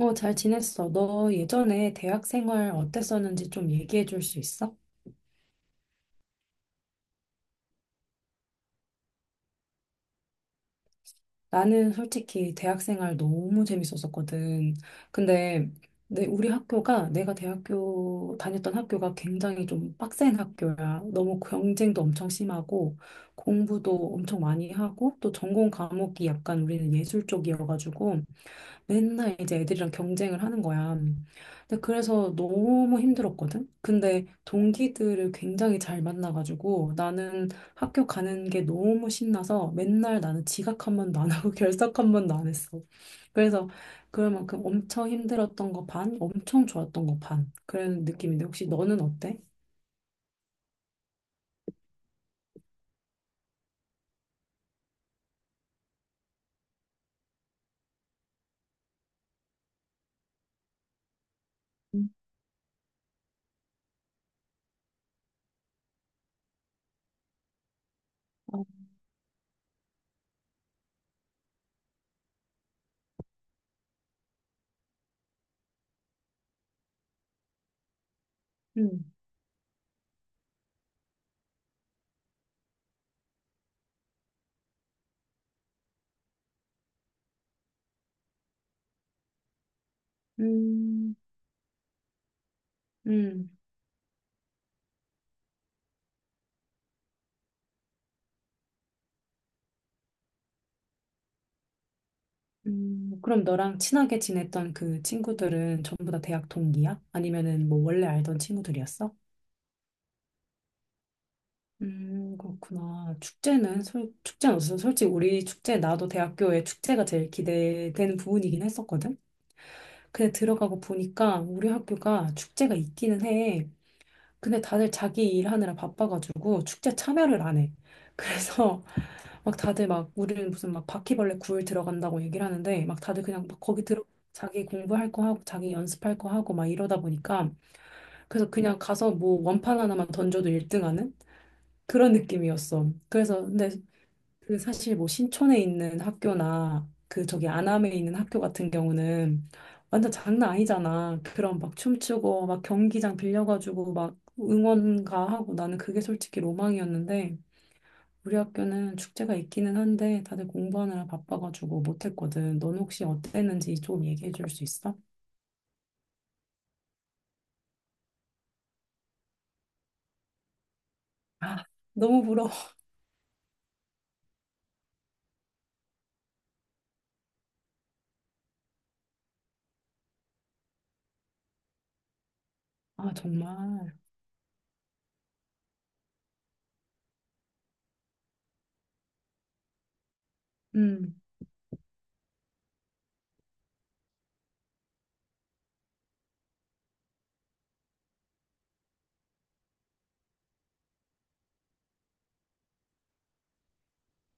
어, 잘 지냈어. 너 예전에 대학 생활 어땠었는지 좀 얘기해 줄 수 있어? 나는 솔직히 대학 생활 너무 재밌었었거든. 근데 우리 학교가 내가 대학교 다녔던 학교가 굉장히 좀 빡센 학교야. 너무 경쟁도 엄청 심하고 공부도 엄청 많이 하고 또 전공 과목이 약간 우리는 예술 쪽이어가지고 맨날 이제 애들이랑 경쟁을 하는 거야. 근데 그래서 너무 힘들었거든. 근데 동기들을 굉장히 잘 만나가지고 나는 학교 가는 게 너무 신나서 맨날 나는 지각 한 번도 안 하고 결석 한 번도 안 했어. 그래서 그만큼 엄청 힘들었던 거 반, 엄청 좋았던 거 반. 그런 느낌인데 혹시 너는 어때? 음, 어, 음, 음, 음. 그럼 너랑 친하게 지냈던 그 친구들은 전부 다 대학 동기야? 아니면은 뭐 원래 알던 친구들이었어? 그렇구나. 축제는 없어. 솔직히 우리 축제, 나도 대학교에 축제가 제일 기대되는 부분이긴 했었거든? 근데 들어가고 보니까 우리 학교가 축제가 있기는 해. 근데 다들 자기 일하느라 바빠가지고 축제 참여를 안 해. 그래서 막 다들 막 우리는 무슨 막 바퀴벌레 굴 들어간다고 얘기를 하는데 막 다들 그냥 막 거기 들어 자기 공부할 거 하고 자기 연습할 거 하고 막 이러다 보니까 그래서 그냥 가서 뭐 원판 하나만 던져도 1등 하는 그런 느낌이었어. 그래서 근데 그 사실 뭐 신촌에 있는 학교나 그 저기 안암에 있는 학교 같은 경우는 완전 장난 아니잖아. 그런 막 춤추고 막 경기장 빌려가지고 막 응원가 하고 나는 그게 솔직히 로망이었는데 우리 학교는 축제가 있기는 한데 다들 공부하느라 바빠가지고 못했거든. 넌 혹시 어땠는지 좀 얘기해 줄 수 있어? 아, 너무 부러워. 아, 정말. 응.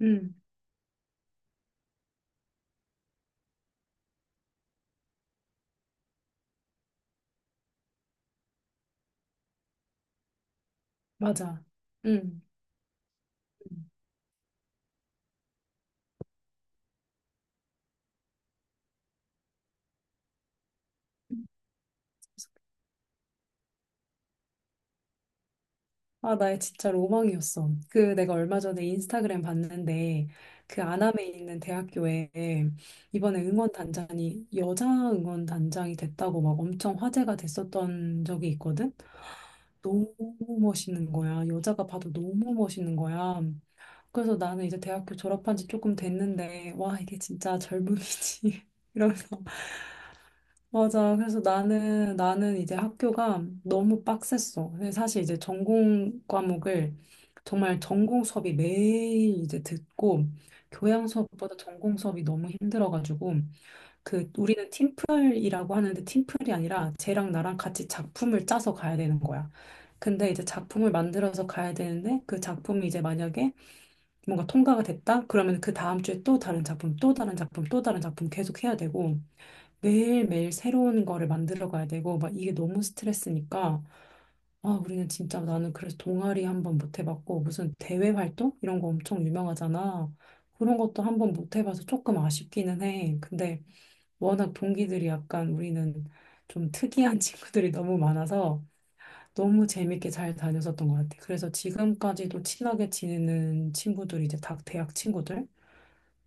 응. 맞아. 응. 응. 아, 나의 진짜 로망이었어. 그 내가 얼마 전에 인스타그램 봤는데 그 안암에 있는 대학교에 이번에 응원단장이 여자 응원단장이 됐다고 막 엄청 화제가 됐었던 적이 있거든. 너무 멋있는 거야. 여자가 봐도 너무 멋있는 거야. 그래서 나는 이제 대학교 졸업한 지 조금 됐는데, 와, 이게 진짜 젊음이지. 이러면서. 맞아. 그래서 나는, 나는 이제 학교가 너무 빡셌어. 근데 사실 이제 전공 과목을 정말 전공 수업이 매일 이제 듣고, 교양 수업보다 전공 수업이 너무 힘들어가지고, 그 우리는 팀플이라고 하는데 팀플이 아니라 쟤랑 나랑 같이 작품을 짜서 가야 되는 거야. 근데 이제 작품을 만들어서 가야 되는데 그 작품이 이제 만약에 뭔가 통과가 됐다? 그러면 그 다음 주에 또 다른 작품, 또 다른 작품, 또 다른 작품 계속 해야 되고 매일매일 새로운 거를 만들어 가야 되고 막 이게 너무 스트레스니까 아 우리는 진짜 나는 그래서 동아리 한 번 못 해봤고 무슨 대외 활동 이런 거 엄청 유명하잖아. 그런 것도 한 번 못 해봐서 조금 아쉽기는 해. 근데 워낙 동기들이 약간 우리는 좀 특이한 친구들이 너무 많아서 너무 재밌게 잘 다녔었던 것 같아. 그래서 지금까지도 친하게 지내는 친구들이 이제 다 대학 친구들?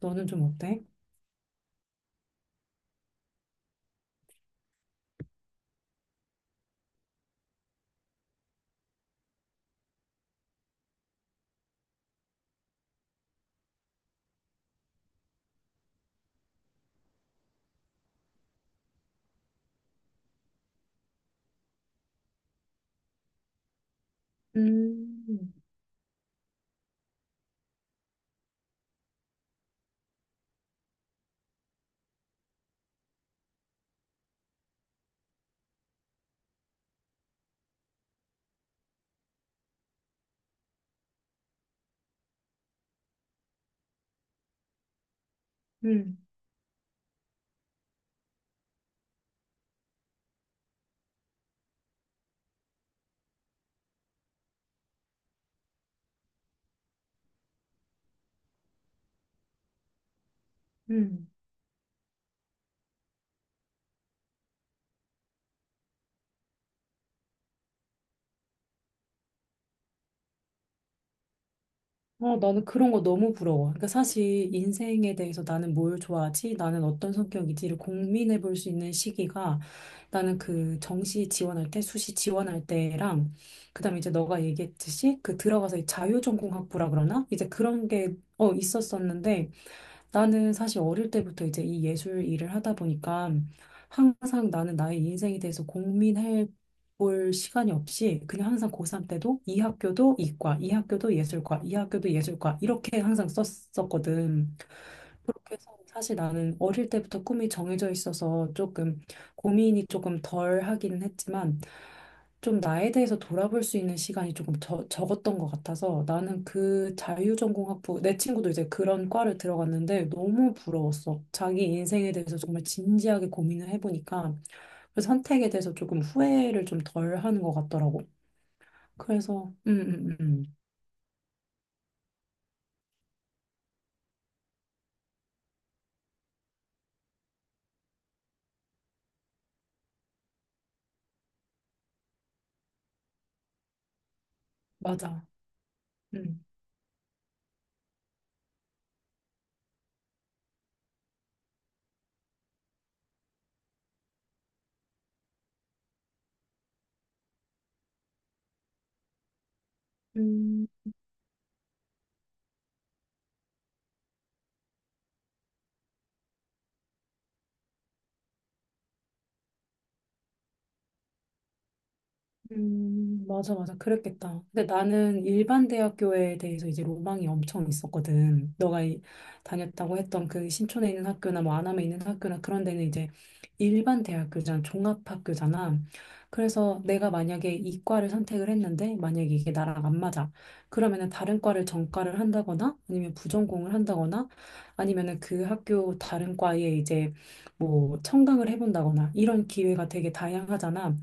너는 좀 어때? 음. 음... 음... 어, 나는 그런 거 너무 부러워. 그러니까 사실 인생에 대해서 나는 뭘 좋아하지? 나는 어떤 성격이지?를 고민해 볼 수 있는 시기가 나는 그 정시 지원할 때, 수시 지원할 때랑 그다음에 이제 너가 얘기했듯이 그 들어가서 이 자유전공학부라 그러나? 이제 그런 게 어, 있었었는데 나는 사실 어릴 때부터 이제 이 예술 일을 하다 보니까 항상 나는 나의 인생에 대해서 고민해 볼 시간이 없이 그냥 항상 고3 때도 이 학교도 이과, 이 학교도 예술과, 이 학교도 예술과 이렇게 항상 썼었거든. 그렇게 해서 사실 나는 어릴 때부터 꿈이 정해져 있어서 조금 고민이 조금 덜 하기는 했지만 좀 나에 대해서 돌아볼 수 있는 시간이 조금 적었던 것 같아서 나는 그 자유전공학부 내 친구도 이제 그런 과를 들어갔는데 너무 부러웠어. 자기 인생에 대해서 정말 진지하게 고민을 해보니까 그 선택에 대해서 조금 후회를 좀 덜 하는 것 같더라고. 그래서 음, 음. 맞아. 음. 음. 맞아, 맞아. 그랬겠다. 근데 나는 일반 대학교에 대해서 이제 로망이 엄청 있었거든. 다녔다고 했던 그 신촌에 있는 학교나 뭐 안암에 있는 학교나 그런 데는 이제 일반 대학교잖아. 종합학교잖아. 그래서 내가 만약에 이과를 선택을 했는데 만약에 이게 나랑 안 맞아. 그러면은 다른 과를 전과를 한다거나 아니면 부전공을 한다거나 아니면은 그 학교 다른 과에 이제 뭐 청강을 해본다거나 이런 기회가 되게 다양하잖아.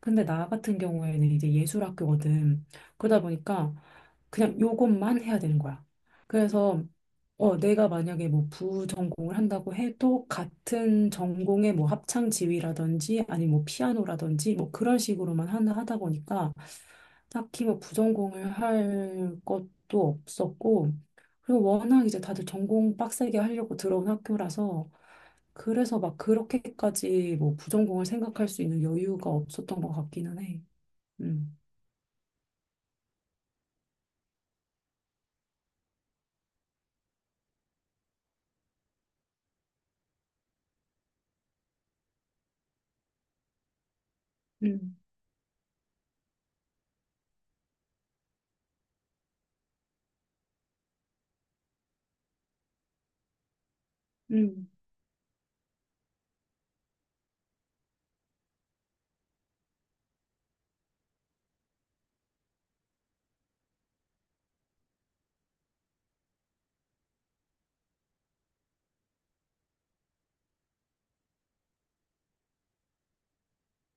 근데 나 같은 경우에는 이제 예술학교거든. 그러다 보니까 그냥 요것만 해야 되는 거야. 그래서 어, 내가 만약에 뭐 부전공을 한다고 해도 같은 전공의 뭐 합창 지휘라든지 아니면 뭐 피아노라든지 뭐 그런 식으로만 하나 하다 보니까 딱히 뭐 부전공을 할 것도 없었고 그리고 워낙 이제 다들 전공 빡세게 하려고 들어온 학교라서 그래서 막 그렇게까지 뭐 부전공을 생각할 수 있는 여유가 없었던 것 같기는 해. 음. 음. 음.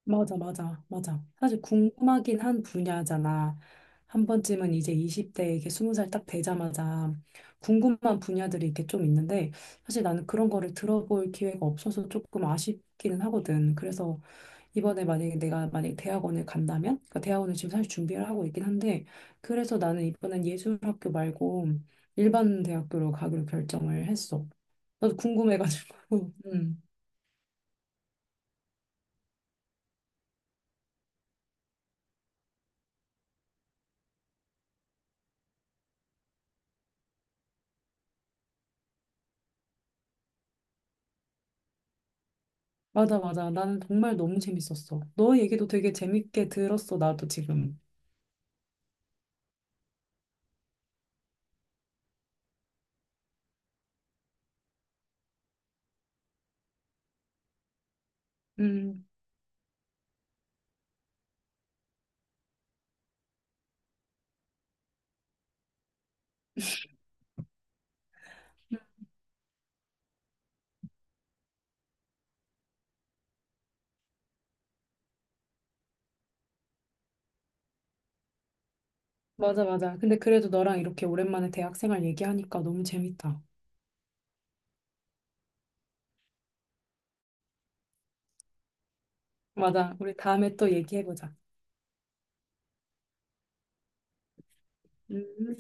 맞아, 맞아, 맞아. 사실 궁금하긴 한 분야잖아. 한 번쯤은 이제 20대, 이게 20살 딱 되자마자 궁금한 분야들이 이렇게 좀 있는데, 사실 나는 그런 거를 들어볼 기회가 없어서 조금 아쉽기는 하거든. 그래서 이번에 만약에 내가 만약에 대학원을 간다면, 그러니까 대학원을 지금 사실 준비를 하고 있긴 한데, 그래서 나는 이번엔 예술학교 말고 일반 대학교로 가기로 결정을 했어. 나도 궁금해가지고. 음. 맞아, 맞아. 나는 정말 너무 재밌었어. 너 얘기도 되게 재밌게 들었어, 나도 지금. 음, 맞아, 맞아. 근데 그래도 너랑 이렇게 오랜만에 대학생활 얘기하니까 너무 재밌다. 맞아. 우리 다음에 또 얘기해보자. 음.